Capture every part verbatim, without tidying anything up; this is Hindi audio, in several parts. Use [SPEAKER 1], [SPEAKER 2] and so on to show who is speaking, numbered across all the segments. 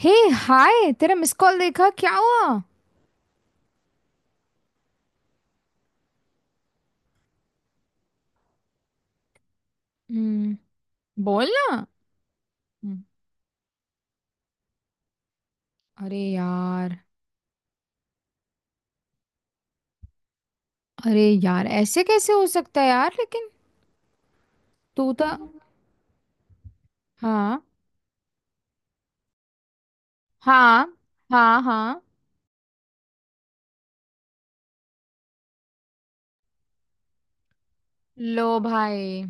[SPEAKER 1] हे, हाय। तेरा मिस कॉल देखा, क्या हुआ? हम्म, बोल ना। हम्म। अरे यार। अरे यार, ऐसे कैसे हो सकता है यार, लेकिन। तू तो। हाँ, हाँ, हाँ, हाँ। लो भाई।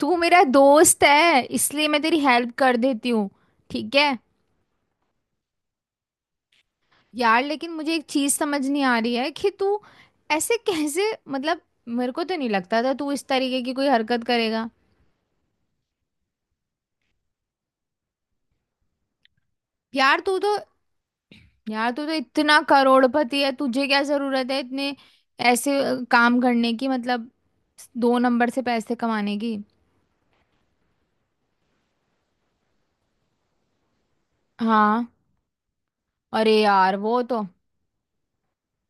[SPEAKER 1] तू मेरा दोस्त है, इसलिए मैं तेरी हेल्प कर देती हूँ। ठीक है। यार, लेकिन मुझे एक चीज समझ नहीं आ रही है कि तू। ऐसे कैसे। मतलब। मेरे को तो नहीं लगता था तू इस तरीके की कोई हरकत करेगा। यार, तू तो। यार, तू तो इतना करोड़पति है, तुझे क्या जरूरत है इतने। ऐसे अ, काम करने की, मतलब। दो नंबर से पैसे कमाने की। हाँ। अरे यार, वो तो।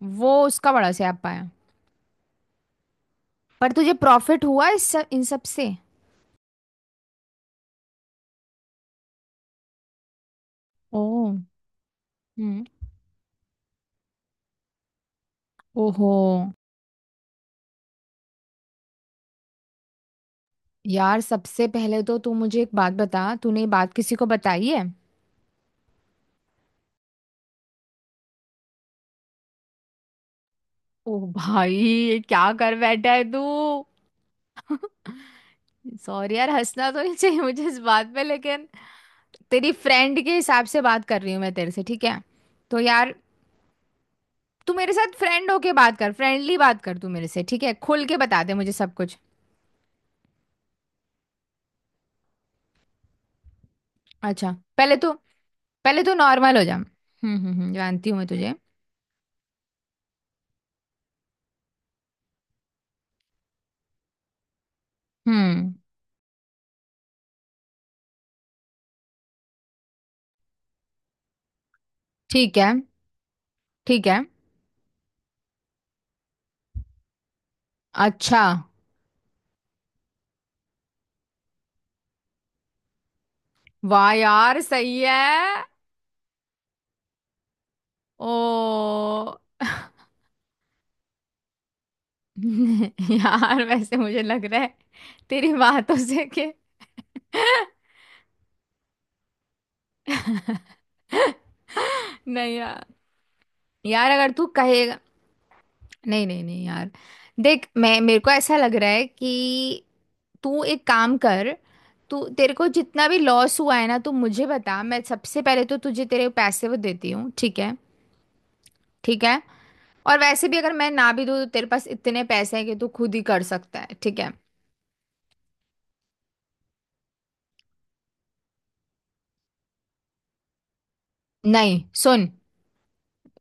[SPEAKER 1] वो उसका बड़ा स्यापा है। पर तुझे प्रॉफिट हुआ इस सब, इन सब से? ओ। हम्म। ओहो। यार, सबसे पहले तो तू मुझे एक बात बता, तूने ये बात किसी को बताई है? ओ भाई, ये क्या कर बैठा है तू? सॉरी यार, हंसना तो नहीं चाहिए मुझे इस बात पे, लेकिन। तेरी फ्रेंड के हिसाब से बात कर रही हूँ मैं तेरे से, ठीक है। तो यार। तू मेरे साथ फ्रेंड होके बात कर, फ्रेंडली बात कर तू मेरे से। ठीक है, खुल के बता दे मुझे सब कुछ। अच्छा, पहले तू। पहले तू नॉर्मल हो जा। हम्म हम्म हम्म, जानती हूँ मैं तुझे। हम्म। ठीक है। ठीक है। अच्छा। वाह यार, सही है। ओ। यार, वैसे मुझे लग रहा है। तेरी बातों से के। नहीं यार। यार, अगर तू कहे। नहीं, नहीं, नहीं यार। देख, मैं मेरे को ऐसा लग रहा है कि। तू एक काम कर। तू, तेरे को जितना भी लॉस हुआ है ना, तू मुझे बता। मैं सबसे पहले तो तुझे तेरे पैसे वो देती हूँ, ठीक है। ठीक है। और वैसे भी अगर मैं ना भी दूँ, तो तेरे पास इतने पैसे हैं कि तू खुद ही कर सकता है, ठीक है। नहीं, सुन।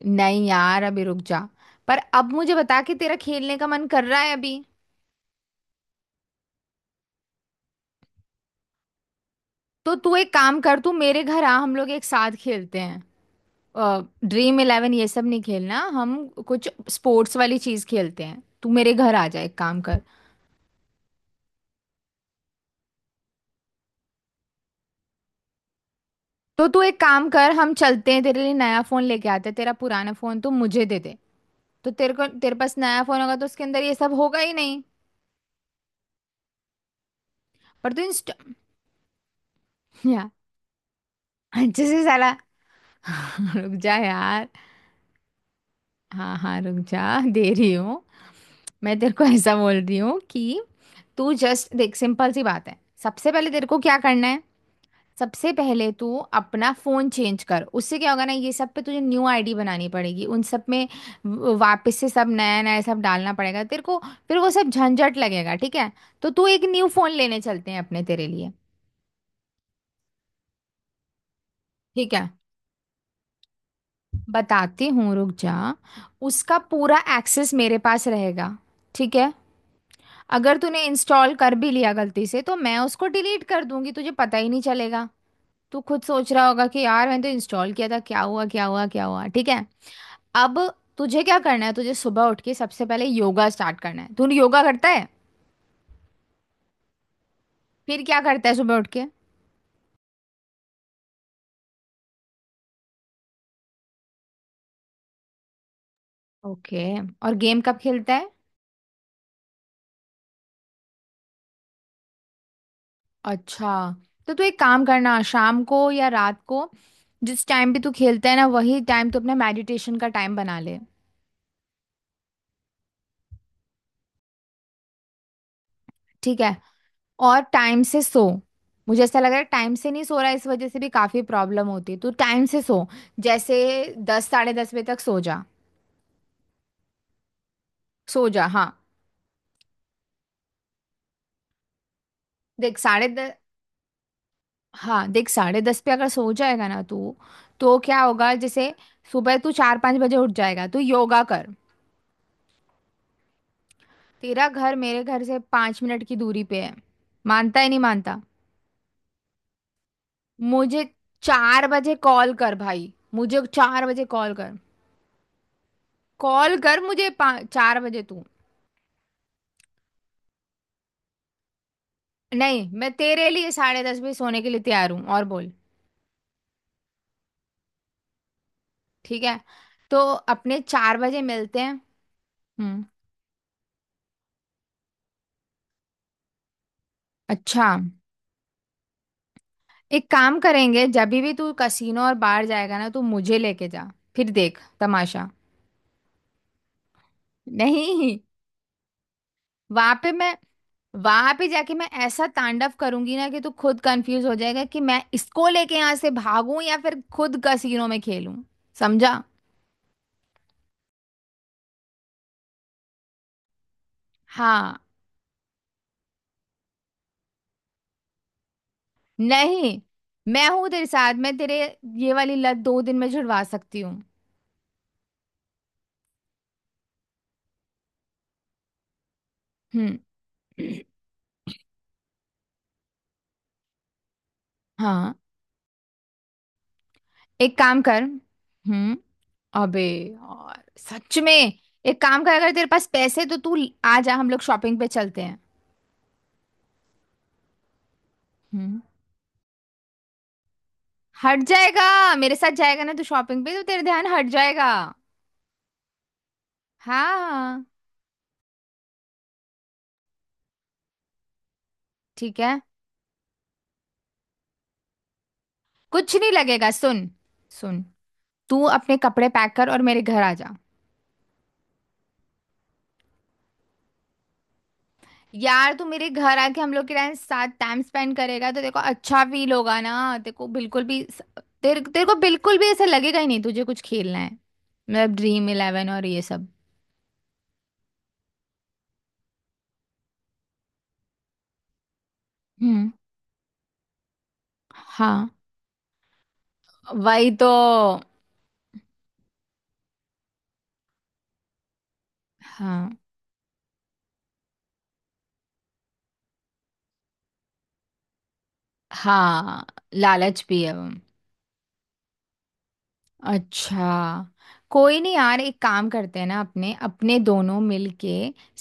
[SPEAKER 1] नहीं यार, अभी रुक जा। पर अब मुझे बता कि तेरा खेलने का मन कर रहा है अभी? तो तू एक काम कर, तू मेरे घर आ, हम लोग एक साथ खेलते हैं। ड्रीम इलेवन ये सब नहीं खेलना हम। कुछ स्पोर्ट्स वाली चीज खेलते हैं। तू मेरे घर आ जा, एक काम कर। तो तू एक काम कर, हम चलते हैं, तेरे लिए नया फोन लेके आते हैं। तेरा पुराना फोन तू मुझे दे दे। तो तेरे को तेरे पास नया फोन होगा तो उसके अंदर ये सब होगा ही नहीं। पर तू इंस्टा। यार, अच्छे से साला। रुक जा यार। हाँ, हाँ, रुक जा, दे रही हूँ। मैं तेरे को ऐसा बोल रही हूँ कि। तू जस्ट देख, सिंपल सी बात है। सबसे पहले तेरे को क्या करना है? सबसे पहले तू अपना फोन चेंज कर, उससे क्या होगा ना, ये सब पे तुझे न्यू आईडी बनानी पड़ेगी उन सब में। व- वापस से सब नया नया सब डालना पड़ेगा तेरे को। फिर वो सब झंझट लगेगा, ठीक है। तो तू एक न्यू फोन लेने चलते हैं अपने, तेरे लिए। ठीक है। बताती हूँ, रुक जा। उसका पूरा एक्सेस मेरे पास रहेगा। ठीक है। अगर तूने इंस्टॉल कर भी लिया गलती से, तो मैं उसको डिलीट कर दूंगी, तुझे पता ही नहीं चलेगा। तू खुद सोच रहा होगा कि यार, मैंने तो इंस्टॉल किया था, क्या हुआ क्या हुआ क्या हुआ, ठीक है। अब। तुझे क्या करना है? तुझे सुबह उठ के सबसे पहले योगा स्टार्ट करना है। तू योगा करता है? फिर क्या करता है सुबह उठ के? ओके। और गेम कब खेलता है? अच्छा। तो तू एक काम करना, शाम को या रात को। जिस टाइम भी तू खेलता है ना, वही टाइम तू अपना मेडिटेशन का टाइम बना ले। ठीक है। और टाइम से सो। मुझे ऐसा लग रहा है टाइम से नहीं सो रहा है, इस वजह से भी काफी प्रॉब्लम होती है। तू टाइम से सो। जैसे, दस साढ़े दस बजे तक सो जा। सो जा, हाँ। देख साढ़े। हाँ, देख साढ़े दस पे अगर सो जाएगा ना तू, तो क्या होगा, जैसे, सुबह तू चार पाँच बजे उठ जाएगा। तू योगा कर। तेरा घर मेरे घर से पाँच मिनट की दूरी पे है। मानता है नहीं मानता। मुझे चार बजे कॉल कर भाई, मुझे चार बजे कॉल कर। कॉल कर मुझे, पा- चार बजे तू। नहीं, मैं तेरे लिए साढ़े दस बजे सोने के लिए तैयार हूँ, और बोल। ठीक है। तो अपने चार बजे मिलते हैं। हम्म। अच्छा, एक काम करेंगे, जब भी तू कसीनो और बाहर जाएगा ना, तू मुझे लेके जा। फिर देख तमाशा। नहीं। वहां पे मैं। वहां पे जाके मैं ऐसा तांडव करूंगी ना कि तू खुद कंफ्यूज हो जाएगा कि मैं इसको लेके यहाँ से भागूं या फिर खुद कसीनो में खेलूं। समझा। हाँ। नहीं। मैं हूं तेरे साथ, मैं तेरे। ये वाली लत दो दिन में छुड़वा सकती हूँ। हम्म। हाँ। एक काम कर। हम्म। अबे। और सच में एक काम कर, अगर तेरे पास पैसे तो तू। आ जा, हम लोग शॉपिंग पे चलते हैं। हम्म। हट जाएगा। मेरे साथ जाएगा ना तू शॉपिंग पे, तो तेरा ध्यान हट जाएगा। हाँ। ठीक है। कुछ नहीं लगेगा, सुन। सुन। तू अपने कपड़े पैक कर और मेरे घर आ जा। यार, तू मेरे घर आके हम लोग के टाइम साथ टाइम स्पेंड करेगा, तो देखो अच्छा फील होगा ना तेरे को, बिल्कुल भी। तेरे तेरे को बिल्कुल भी ऐसा लगेगा ही नहीं तुझे कुछ खेलना है। मतलब ड्रीम इलेवन और ये सब। हम्म। हाँ। वही तो। हाँ। हाँ। लालच भी है वो। अच्छा। कोई नहीं यार, एक काम करते हैं ना, अपने अपने दोनों मिलके।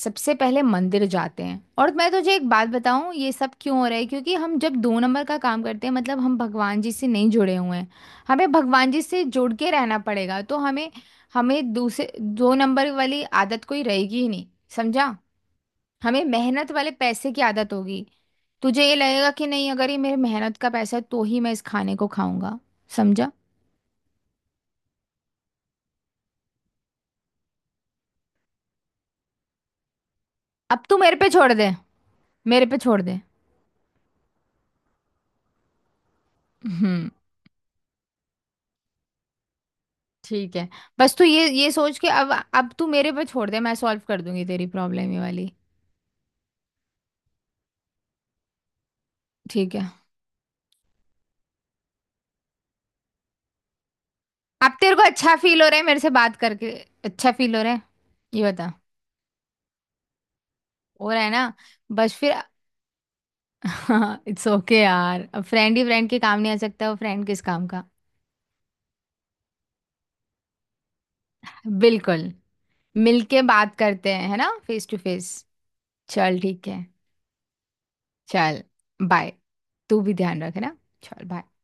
[SPEAKER 1] सबसे पहले मंदिर जाते हैं, और मैं तुझे एक बात बताऊं, ये सब क्यों हो रहा है? क्योंकि हम जब दो नंबर का काम करते हैं, मतलब हम भगवान जी से नहीं जुड़े हुए हैं। हमें भगवान जी से जुड़ के रहना पड़ेगा, तो हमें। हमें दूसरे दो नंबर वाली आदत कोई रहेगी ही नहीं। समझा। हमें मेहनत वाले पैसे की आदत होगी। तुझे ये लगेगा कि नहीं, अगर ये मेरे मेहनत का पैसा है तो ही मैं इस खाने को खाऊंगा। समझा। अब तू मेरे पे छोड़ दे। मेरे पे छोड़ दे। हम्म। ठीक है। बस तू ये ये सोच के, अब अब तू मेरे पे छोड़ दे, मैं सॉल्व कर दूंगी तेरी प्रॉब्लम ये वाली। ठीक है। अब तेरे को अच्छा फील हो रहा है मेरे से बात करके? अच्छा फील हो रहा है? ये बता। हो रहा है ना? बस फिर। इट्स ओके यार, अब फ्रेंड ही फ्रेंड के काम नहीं आ सकता, वो फ्रेंड किस काम का। बिल्कुल। मिलके बात करते हैं, है ना, फेस टू फेस। चल, ठीक है। चल। बाय। तू भी ध्यान रख, है ना। चल बाय।